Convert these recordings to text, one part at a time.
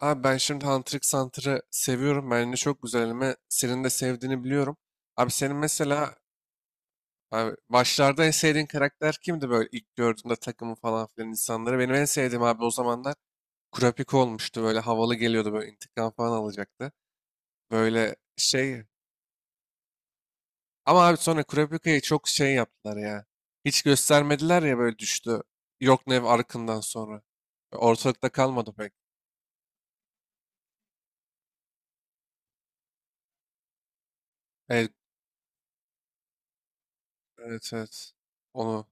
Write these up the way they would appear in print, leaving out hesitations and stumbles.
Abi ben şimdi Hunter x Hunter'ı seviyorum. Bence çok güzel anime. Senin de sevdiğini biliyorum. Abi senin mesela abi başlarda en sevdiğin karakter kimdi böyle ilk gördüğünde takımı falan filan insanları? Benim en sevdiğim abi o zamanlar Kurapika olmuştu. Böyle havalı geliyordu, böyle intikam falan alacaktı. Böyle şey ama abi sonra Kurapika'yı çok şey yaptılar ya. Hiç göstermediler ya, böyle düştü. Yorknev arkından sonra. Ortalıkta kalmadı pek. Evet, evet, evet. Onu.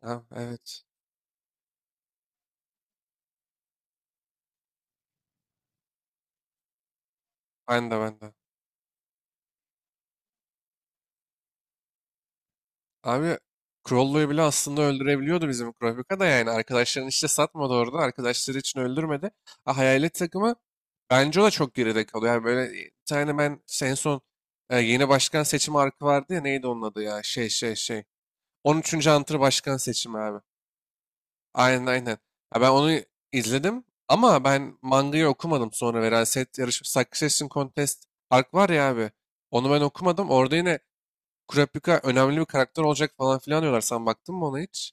Ha, evet. Ben de, ben de. Abi Crollo'yu bile aslında öldürebiliyordu bizim Kurapika da yani. Arkadaşların işte satmadı orada. Arkadaşları için öldürmedi. Ha, hayalet takımı bence o da çok geride kalıyor. Yani böyle bir tane ben en son yeni başkan seçimi arka vardı ya, neydi onun adı ya, şey şey şey. On üçüncü Hunter başkan seçimi abi. Aynen aynen. Ha, ben onu izledim ama ben mangayı okumadım, sonra Veraset yarışması Succession Contest ark var ya abi. Onu ben okumadım. Orada yine Kurapika önemli bir karakter olacak falan filan diyorlar. Sen baktın mı ona hiç?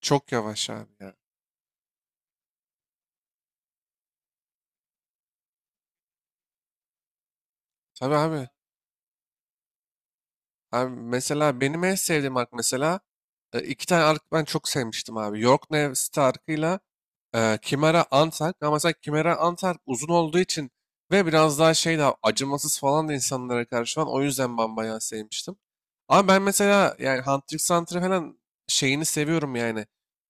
Çok yavaş abi ya. Tabii abi. Abi mesela benim en sevdiğim ark mesela iki tane ark ben çok sevmiştim abi. York Nevs'te arkıyla Chimera Antark. Ama mesela Chimera Antark uzun olduğu için ve biraz daha şey, daha acımasız falan da insanlara karşı falan. O yüzden ben bayağı sevmiştim. Ama ben mesela yani Hunter x Hunter falan şeyini seviyorum yani.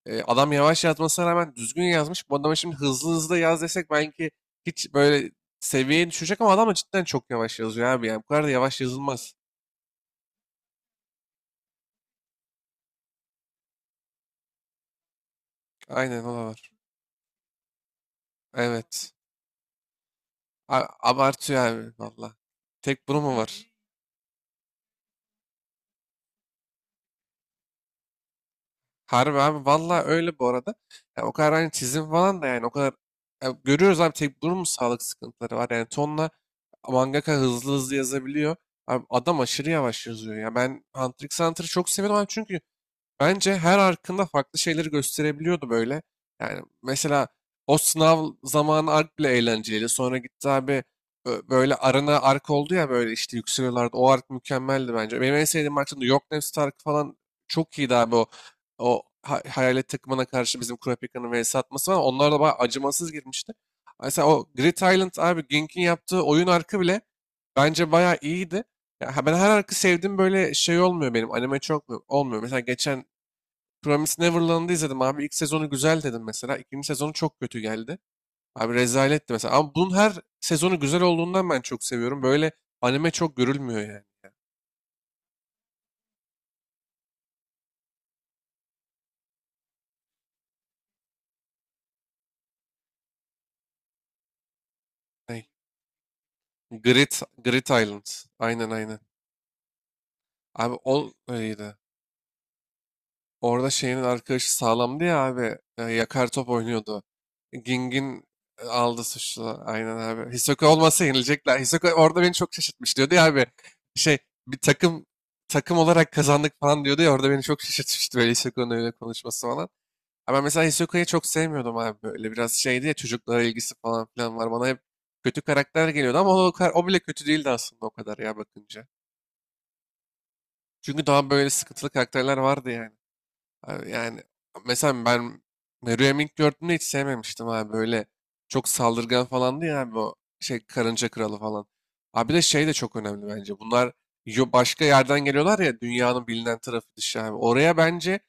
E, adam yavaş yazmasına rağmen düzgün yazmış. Bu adama şimdi hızlı hızlı yaz desek belki hiç böyle seviyeye düşecek, ama adam da cidden çok yavaş yazıyor abi. Yani bu kadar da yavaş yazılmaz. Aynen, o da var. Evet. Abartıyor abi valla. Tek bunu mu var? Harbi abi valla, öyle bu arada. Ya o kadar hani çizim falan da yani o kadar. Ya görüyoruz abi, tek bunun mu sağlık sıkıntıları var? Yani tonla mangaka hızlı hızlı yazabiliyor. Abi adam aşırı yavaş yazıyor. Ya ben Hunter x Hunter'ı çok seviyorum abi, çünkü bence her arkında farklı şeyleri gösterebiliyordu böyle. Yani mesela o sınav zamanı ark bile eğlenceliydi. Sonra gitti abi, böyle arana ark oldu ya, böyle işte yükseliyorlardı. O ark mükemmeldi bence. Benim en sevdiğim arkta da Yok Nefs Tarık falan, çok iyiydi abi o. O hayalet takımına karşı bizim Kurapika'nın vs atması var. Onlar da bayağı acımasız girmişti. Mesela o Grid Island abi, Gink'in yaptığı oyun arkı bile bence bayağı iyiydi. Ya ben her arka sevdim, böyle şey olmuyor benim. Anime çok olmuyor. Mesela geçen Promised Neverland'ı izledim abi. İlk sezonu güzel dedim mesela. İkinci sezonu çok kötü geldi. Abi rezaletti mesela. Ama bunun her sezonu güzel olduğundan ben çok seviyorum. Böyle anime çok görülmüyor yani. Ney? Grid, Grid Island. Aynen aynen. Abi o öyleydi. Orada şeyinin arkadaşı sağlamdı ya abi. Yakar top oynuyordu. Ging'in aldı suçlu. Aynen abi. Hisoka olmasa yenilecekler. Hisoka orada beni çok şaşırtmış diyordu ya abi. Şey bir takım, takım olarak kazandık falan diyordu ya, orada beni çok şaşırtmıştı böyle Hisoka'nın öyle konuşması falan. Ama ben mesela Hisoka'yı çok sevmiyordum abi, böyle biraz şeydi ya, çocuklara ilgisi falan filan var. Bana hep kötü karakter geliyordu ama o, o bile kötü değildi aslında o kadar ya, bakınca. Çünkü daha böyle sıkıntılı karakterler vardı yani. Abi yani mesela ben Meruem ilk gördüğümde hiç sevmemiştim abi. Böyle çok saldırgan falandı ya abi, o şey karınca kralı falan. Abi bir de şey de çok önemli bence. Bunlar başka yerden geliyorlar ya, dünyanın bilinen tarafı dışı abi. Oraya bence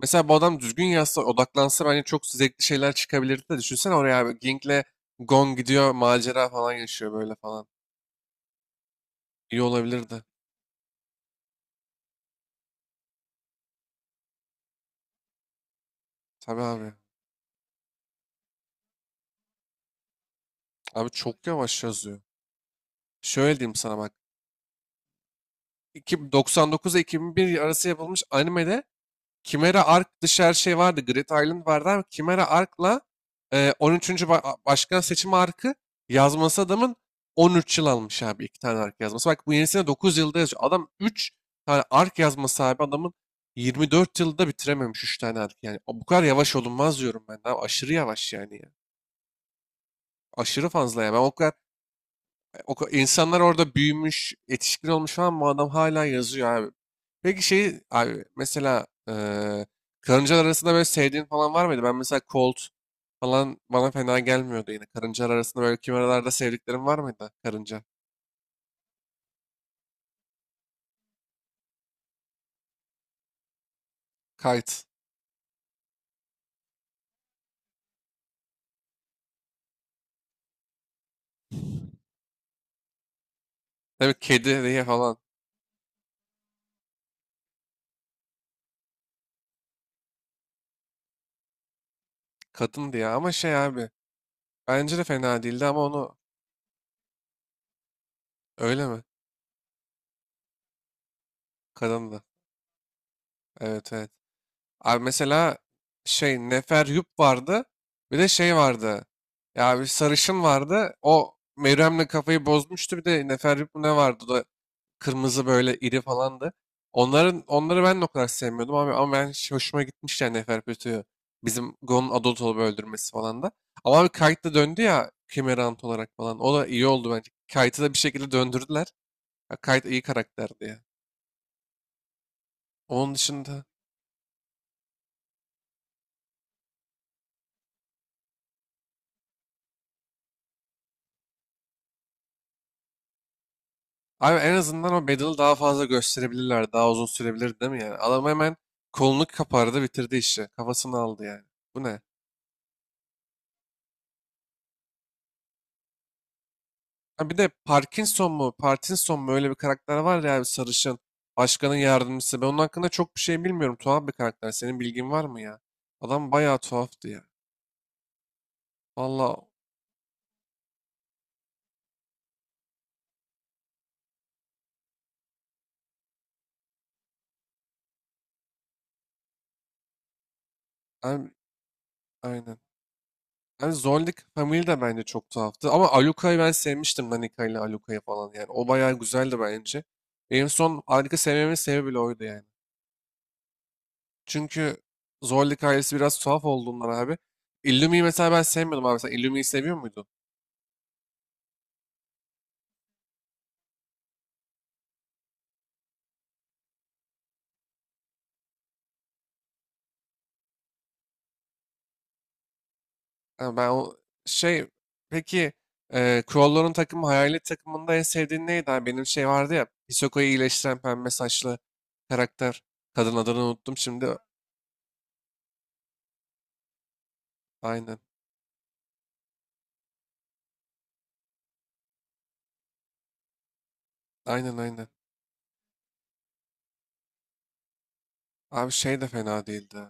mesela bu adam düzgün yazsa, odaklansa, bence çok zevkli şeyler çıkabilirdi de, düşünsene oraya abi, Ging'le Gon gidiyor, macera falan yaşıyor böyle falan. İyi olabilirdi. Tabii abi. Abi çok yavaş yazıyor. Şöyle diyeyim sana bak. 99 ile 2001 arası yapılmış animede Chimera Ark dışı her şey vardı. Grid Island vardı, ama Chimera Ark'la 13'üncü Başkan seçimi Ark'ı yazması adamın 13 yıl almış abi, iki tane Ark yazması. Bak bu yenisine 9 yılda yazıyor. Adam 3 tane Ark yazması abi, adamın 24 yılda bitirememiş 3 tane Ark. Yani o bu kadar yavaş olunmaz diyorum ben. Abi aşırı yavaş yani ya. Aşırı fazla ya. Ben o kadar o, insanlar orada büyümüş, yetişkin olmuş falan, bu adam hala yazıyor abi. Peki şey abi mesela karıncalar arasında böyle sevdiğin falan var mıydı? Ben mesela Colt falan bana fena gelmiyordu yine. Karıncalar arasında böyle kimeralarda sevdiklerim var mıydı? Karınca. Kite. Tabii kedi diye falan. Kadın diye ama şey abi. Bence de fena değildi ama onu, öyle mi? Kadındı. Evet evet. Abi mesela şey Neferyup vardı. Bir de şey vardı. Ya bir sarışın vardı. O Meryem'le kafayı bozmuştu. Bir de Neferyup mu ne vardı? O da kırmızı böyle iri falandı. Onların, onları ben de o kadar sevmiyordum abi, ama ben hiç hoşuma gitmişti yani Neferpütü'yü. Bizim Gon'un adult olup öldürmesi falan da. Ama bir Kite de döndü ya, Kimerant olarak falan. O da iyi oldu bence. Kite'ı da bir şekilde döndürdüler. Ya Kite iyi karakterdi ya. Onun dışında abi en azından o Bedel'i daha fazla gösterebilirler. Daha uzun sürebilir değil mi yani? Adam hemen kolunu kapardı, bitirdi işi. Kafasını aldı yani. Bu ne? Ha bir de Parkinson mu? Parkinson mu? Öyle bir karakter var ya abi, sarışın. Başkanın yardımcısı. Ben onun hakkında çok bir şey bilmiyorum. Tuhaf bir karakter. Senin bilgin var mı ya? Adam bayağı tuhaftı ya. Valla abi, aynen. Yani Zoldyck Family de bence çok tuhaftı. Ama Aluka'yı ben sevmiştim. Danica ile Aluka'yı falan yani. O bayağı güzeldi bence. Benim son Alika sevmemin sebebi bile oydu yani. Çünkü Zorlu hikayesi biraz tuhaf olduğundan abi. Illumi'yi mesela ben sevmiyordum abi. Sen Illumi'yi seviyor muydun? Ha, ben o şey, peki Crowlor'un takımı Hayalet takımında en sevdiğin neydi abi? Benim şey vardı ya, Hisoko'yu iyileştiren pembe saçlı karakter. Kadın, adını unuttum şimdi. Aynen. Aynen aynen. Abi şey de fena değildi.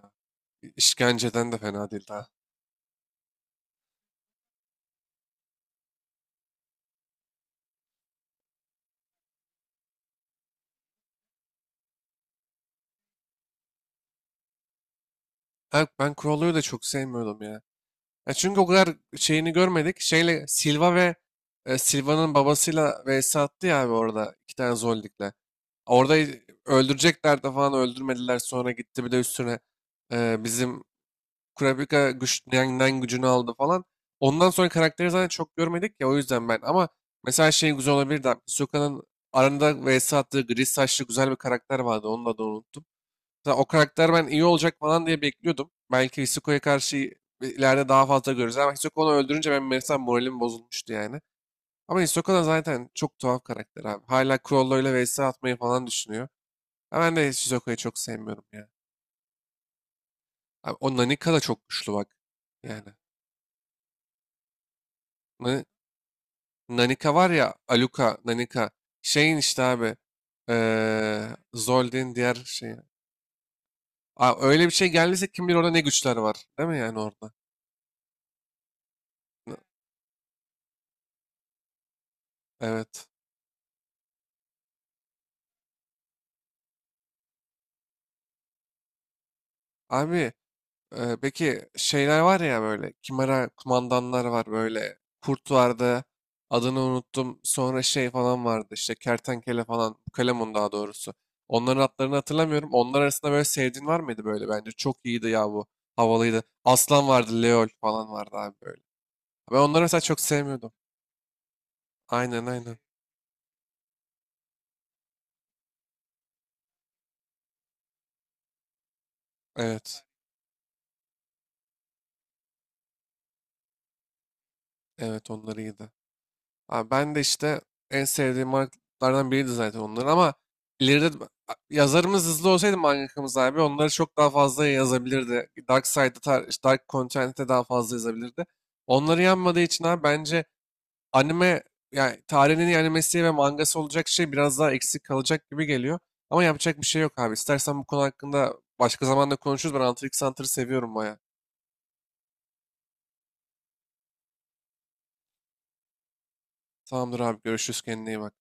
İşkenceden de fena değil ha. Ha, ben Kurolu'yu da çok sevmiyordum ya. Ya çünkü o kadar şeyini görmedik. Şeyle Silva ve Silva'nın babasıyla vs attı ya abi, orada iki tane Zoldik'le. Orada öldürecekler de falan, öldürmediler. Sonra gitti, bir de üstüne bizim Kurapika güç, Nen gücünü aldı falan. Ondan sonra karakteri zaten çok görmedik ya, o yüzden ben. Ama mesela şey güzel olabilirdi abi, Hisoka'nın aranda vs attığı gri saçlı güzel bir karakter vardı. Onun adını unuttum. Mesela o karakter ben iyi olacak falan diye bekliyordum. Belki Hisoko'ya karşı ileride daha fazla görürüz. Ama Hisoka onu öldürünce ben mesela moralim bozulmuştu yani. Ama Hisoka da zaten çok tuhaf karakter abi. Hala Crollo ile vs atmayı falan düşünüyor. Ha, ben de Shizuka'yı çok sevmiyorum ya. Abi, o Nanika da çok güçlü bak. Yani. Na- Nanika var ya, Aluka, Nanika. Şeyin işte abi. Zold'in diğer şeyi. Aa, öyle bir şey geldiyse kim bilir orada ne güçler var. Değil mi yani orada? N- Evet. Abi peki şeyler var ya böyle. Kimera kumandanlar var böyle. Kurt vardı. Adını unuttum. Sonra şey falan vardı işte. Kertenkele falan. Kalemun daha doğrusu. Onların adlarını hatırlamıyorum. Onlar arasında böyle sevdiğin var mıydı böyle? Bence çok iyiydi ya bu. Havalıydı. Aslan vardı. Leol falan vardı abi böyle. Ben onları mesela çok sevmiyordum. Aynen aynen. Evet. Evet onlar iyiydi. Abi ben de işte en sevdiğim markalardan biriydi zaten onlar, ama ileride yazarımız hızlı olsaydı, mangakamız abi, onları çok daha fazla yazabilirdi. Dark Side'da, işte Dark Content'e daha fazla yazabilirdi. Onları yanmadığı için abi bence anime, yani tarihin en iyi animesi ve mangası olacak şey biraz daha eksik kalacak gibi geliyor. Ama yapacak bir şey yok abi. İstersen bu konu hakkında başka zamanda konuşuruz. Ben Hunter x Hunter'ı seviyorum baya. Tamamdır abi, görüşürüz, kendine iyi bak.